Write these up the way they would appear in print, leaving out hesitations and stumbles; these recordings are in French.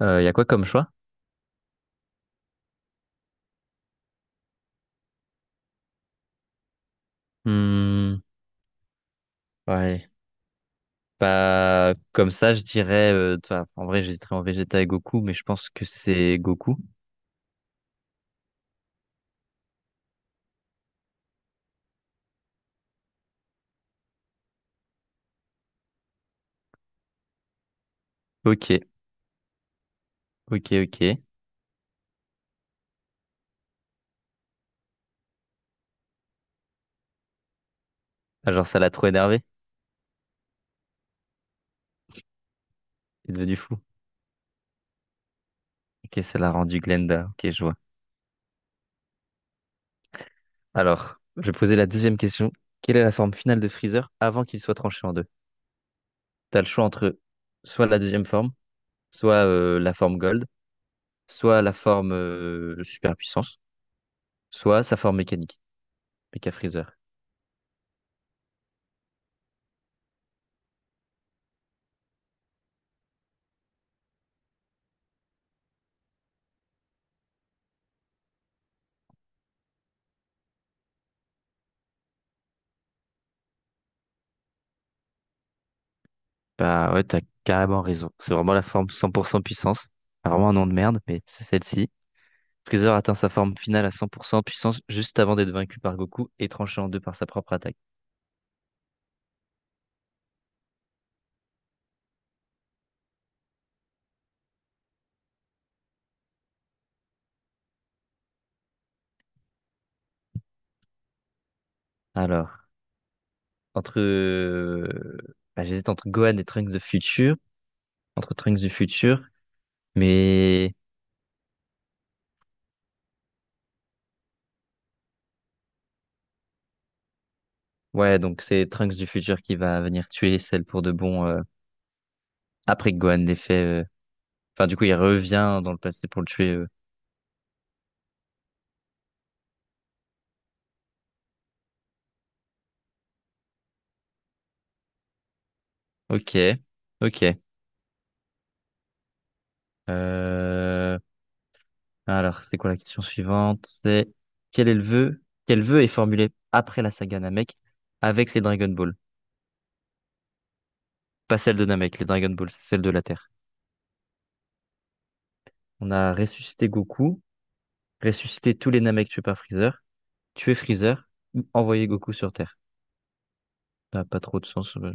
Il y a quoi comme choix? Hmm, ouais. Comme ça, je dirais. Toi, en vrai, j'hésiterais en Vegeta et Goku, mais je pense que c'est Goku. Ok, ok, ok. Ah, genre, ça l'a trop énervé. Il est devenu fou. Ok, ça l'a rendu Glenda. Ok, je vois. Alors, je vais poser la deuxième question. Quelle est la forme finale de Freezer avant qu'il soit tranché en deux? T'as le choix entre soit la deuxième forme, soit la forme Gold, soit la forme Super Puissance, soit sa forme mécanique, Mecha Freezer. Bah ouais, t'as carrément raison. C'est vraiment la forme 100% puissance. C'est vraiment un nom de merde, mais c'est celle-ci. Freezer atteint sa forme finale à 100% puissance juste avant d'être vaincu par Goku et tranché en deux par sa propre attaque. Alors, entre... euh, J'hésite entre Gohan et Trunks de Future, entre Trunks du futur, mais... Ouais, donc c'est Trunks du futur qui va venir tuer celle pour de bon après que Gohan l'ait fait. Du coup, il revient dans le passé pour le tuer. Ok, ok. Euh, Alors, c'est quoi la question suivante? C'est quel est le vœu? Quel vœu est formulé après la saga Namek avec les Dragon Ball? Pas celle de Namek, les Dragon Ball, c'est celle de la Terre. On a ressuscité Goku, ressuscité tous les Namek tués par Freezer, tué Freezer, ou envoyé Goku sur Terre. Ça n'a pas trop de sens.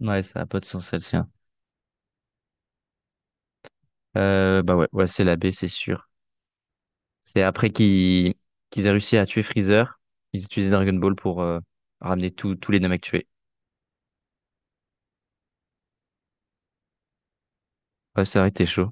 Ouais, ça n'a pas de sens celle-ci, hein. Ouais, ouais, c'est la B, c'est sûr. C'est après qu'ils aient réussi à tuer Freezer, ils utilisaient Dragon Ball pour ramener tous les Namek tués. Ouais, ça aurait été chaud.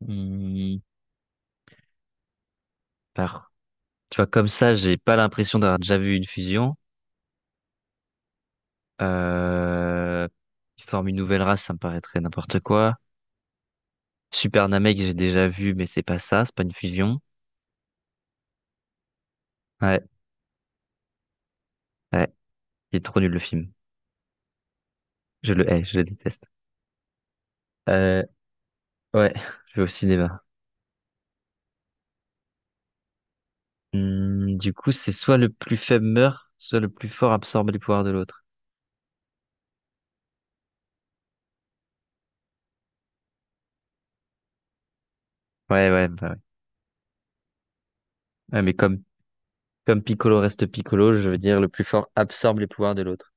Hmm, alors, Tu vois, comme ça, j'ai pas l'impression d'avoir déjà vu une fusion. Euh... Ils forment une nouvelle race, ça me paraîtrait n'importe quoi. Super Namek, j'ai déjà vu, mais c'est pas ça, c'est pas une fusion. Ouais, ouais, il est trop nul le film. Je le hais, je le déteste. Euh, ouais, je vais au cinéma. Du coup, c'est soit le plus faible meurt, soit le plus fort absorbe les pouvoirs de l'autre. Ouais, ouais, bah ouais. Ouais, mais comme, Comme Piccolo reste Piccolo, je veux dire le plus fort absorbe les pouvoirs de l'autre.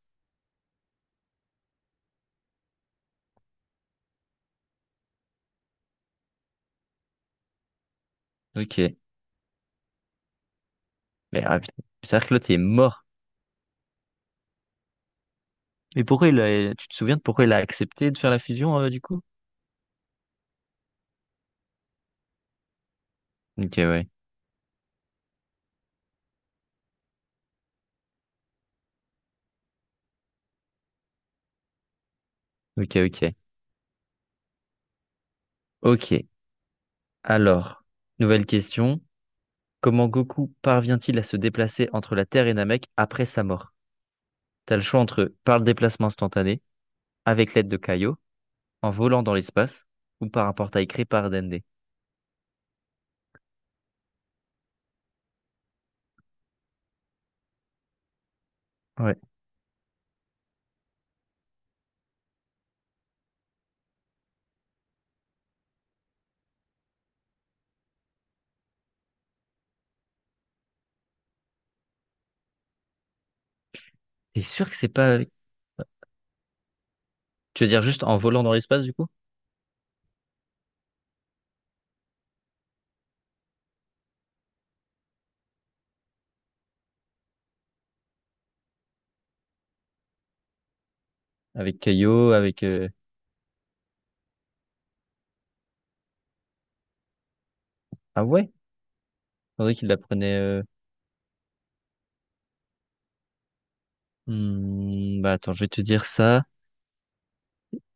Ok. Mais ah, putain, cest à que l'autre il est mort. Mais pourquoi il a... tu te souviens de pourquoi il a accepté de faire la fusion du coup? Ok, ouais. Ok, ok. Ok. Alors, nouvelle question. Comment Goku parvient-il à se déplacer entre la Terre et Namek après sa mort? T'as le choix entre par le déplacement instantané, avec l'aide de Kaio, en volant dans l'espace, ou par un portail créé par Dende. Ouais. T'es sûr que c'est pas avec... Tu veux dire juste en volant dans l'espace du coup? Avec Kaio, ah ouais? Je pensais qu'il la prenait... hmm, Bah Attends, je vais te dire ça.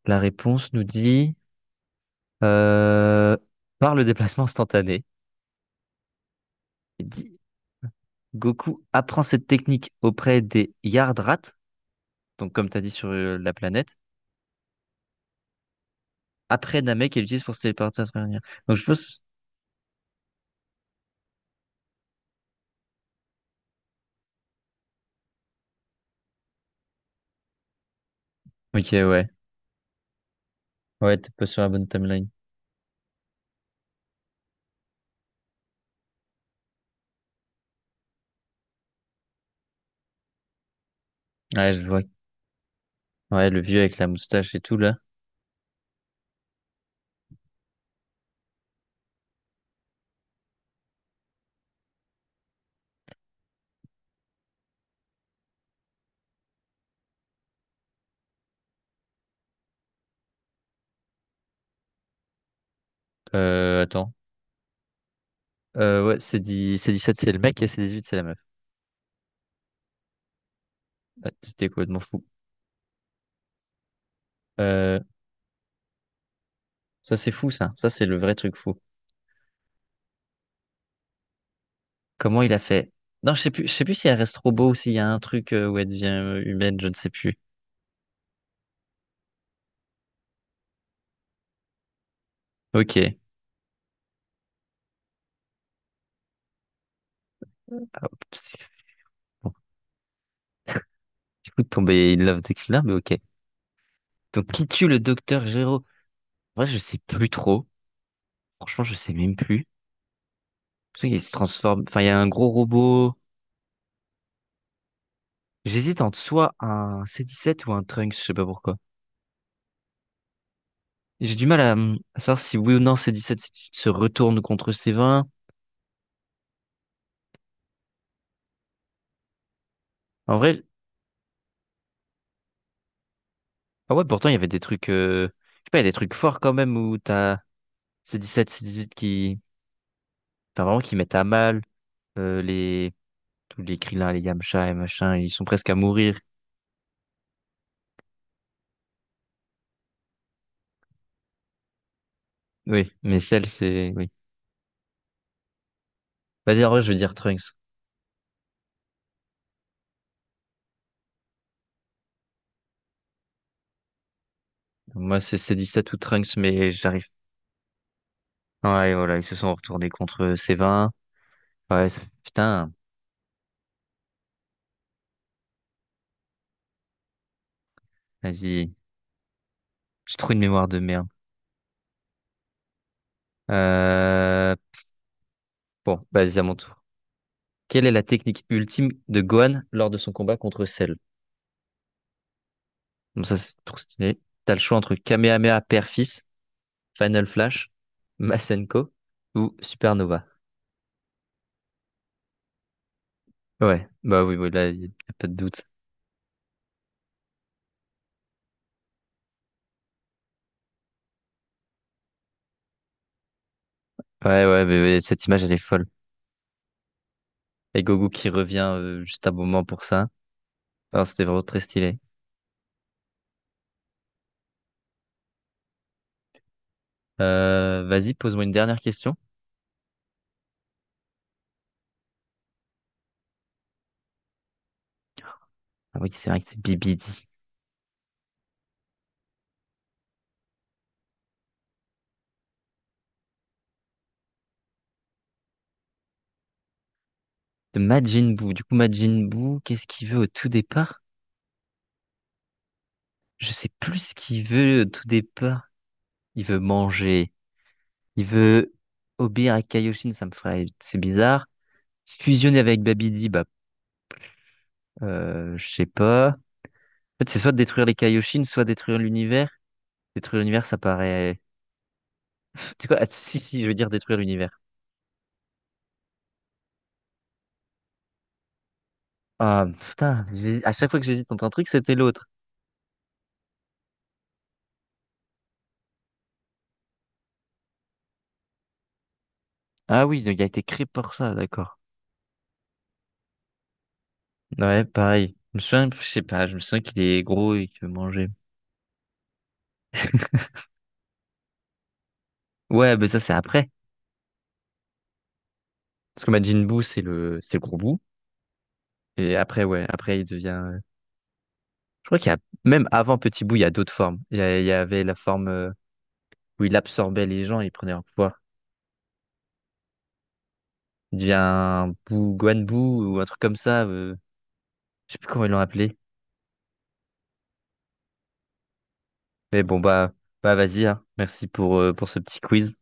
La réponse nous dit... Euh, Par le déplacement instantané, il dit, Goku apprend cette technique auprès des Yardrats, donc comme tu as dit sur la planète, après Namek et l'utilise pour se téléporter à travers l'univers. Donc je pense... Ok, ouais. Ouais, t'es pas sur la bonne timeline. Ouais, je vois. Ouais, le vieux avec la moustache et tout, là. Attends. Ouais, c'est dit... c'est 17 c'est le mec, et c'est 18 c'est la meuf. Ah, c'était complètement fou. Euh, ça, c'est fou, ça. Ça, c'est le vrai truc fou. Comment il a fait? Non, je sais plus si elle reste robot ou s'il y a un truc où elle devient humaine, je ne sais plus. Ok. Ah, c'est- Bon, du coup, de tomber in love de Krillin, mais ok. Donc, qui tue le docteur Gero? En vrai, je sais plus trop. Franchement, je sais même plus. Je sais qu'il se transforme. Enfin, il y a un gros robot. J'hésite entre soit un C17 ou un Trunks, je sais pas pourquoi. J'ai du mal à savoir si oui ou non C17 se retourne contre C20. En vrai, ah ouais, pourtant, il y avait des trucs, je sais pas, il y a des trucs forts quand même où t'as C17, C18 qui vraiment, qui mettent à mal, euh, les, tous les Krillin, les Yamcha et machin, ils sont presque à mourir. Oui, mais celle, c'est. Oui. Vas-y, en vrai, je veux dire Trunks. Moi, c'est C17 ou Trunks, mais j'arrive. Ouais, voilà, ils se sont retournés contre C20. Ouais, ça... putain, vas-y. J'ai trop une mémoire de merde. Euh... vas-y, à mon tour. Quelle est la technique ultime de Gohan lors de son combat contre Cell? Bon, ça, c'est trop stylé. T'as le choix entre Kamehameha Père-Fils, Final Flash, Masenko ou Supernova. Ouais, bah oui, oui, là, y a pas de doute. Ouais, ouais, mais cette image, elle est folle. Et Gogo qui revient juste à bon moment pour ça. Alors, c'était vraiment très stylé. Vas-y, pose-moi une dernière question. Ah oui, c'est vrai que c'est Bibidi. De Majin Buu. Du coup, Majin Buu, qu'est-ce qu'il veut au tout départ? Je sais plus ce qu'il veut au tout départ. Il veut manger. Il veut obéir à Kaioshin, ça me ferait, c'est bizarre. Fusionner avec Babidi, je sais pas. En fait, c'est soit détruire les Kaioshin, soit détruire l'univers. Détruire l'univers, ça paraît. Tu sais quoi? Ah, si, si, je veux dire détruire l'univers. Ah, putain, j'ai- à chaque fois que j'hésite entre un truc, c'était l'autre. Ah oui, donc il a été créé pour ça, d'accord. Ouais, pareil. Je me souviens, je sais pas, je me souviens qu'il est gros et qu'il veut manger. Ouais, mais ça, c'est après. Parce que Majin Buu, c'est le gros bout. Et après, ouais, après, il devient. Je crois qu'il y a, même avant Petit Bout, il y a d'autres formes. Il y avait la forme où il absorbait les gens, il prenait leur pouvoir. Il devient un Buu, Guan Buu, ou un truc comme ça. Je sais plus comment ils l'ont appelé. Mais bon, vas-y, hein. Merci pour ce petit quiz.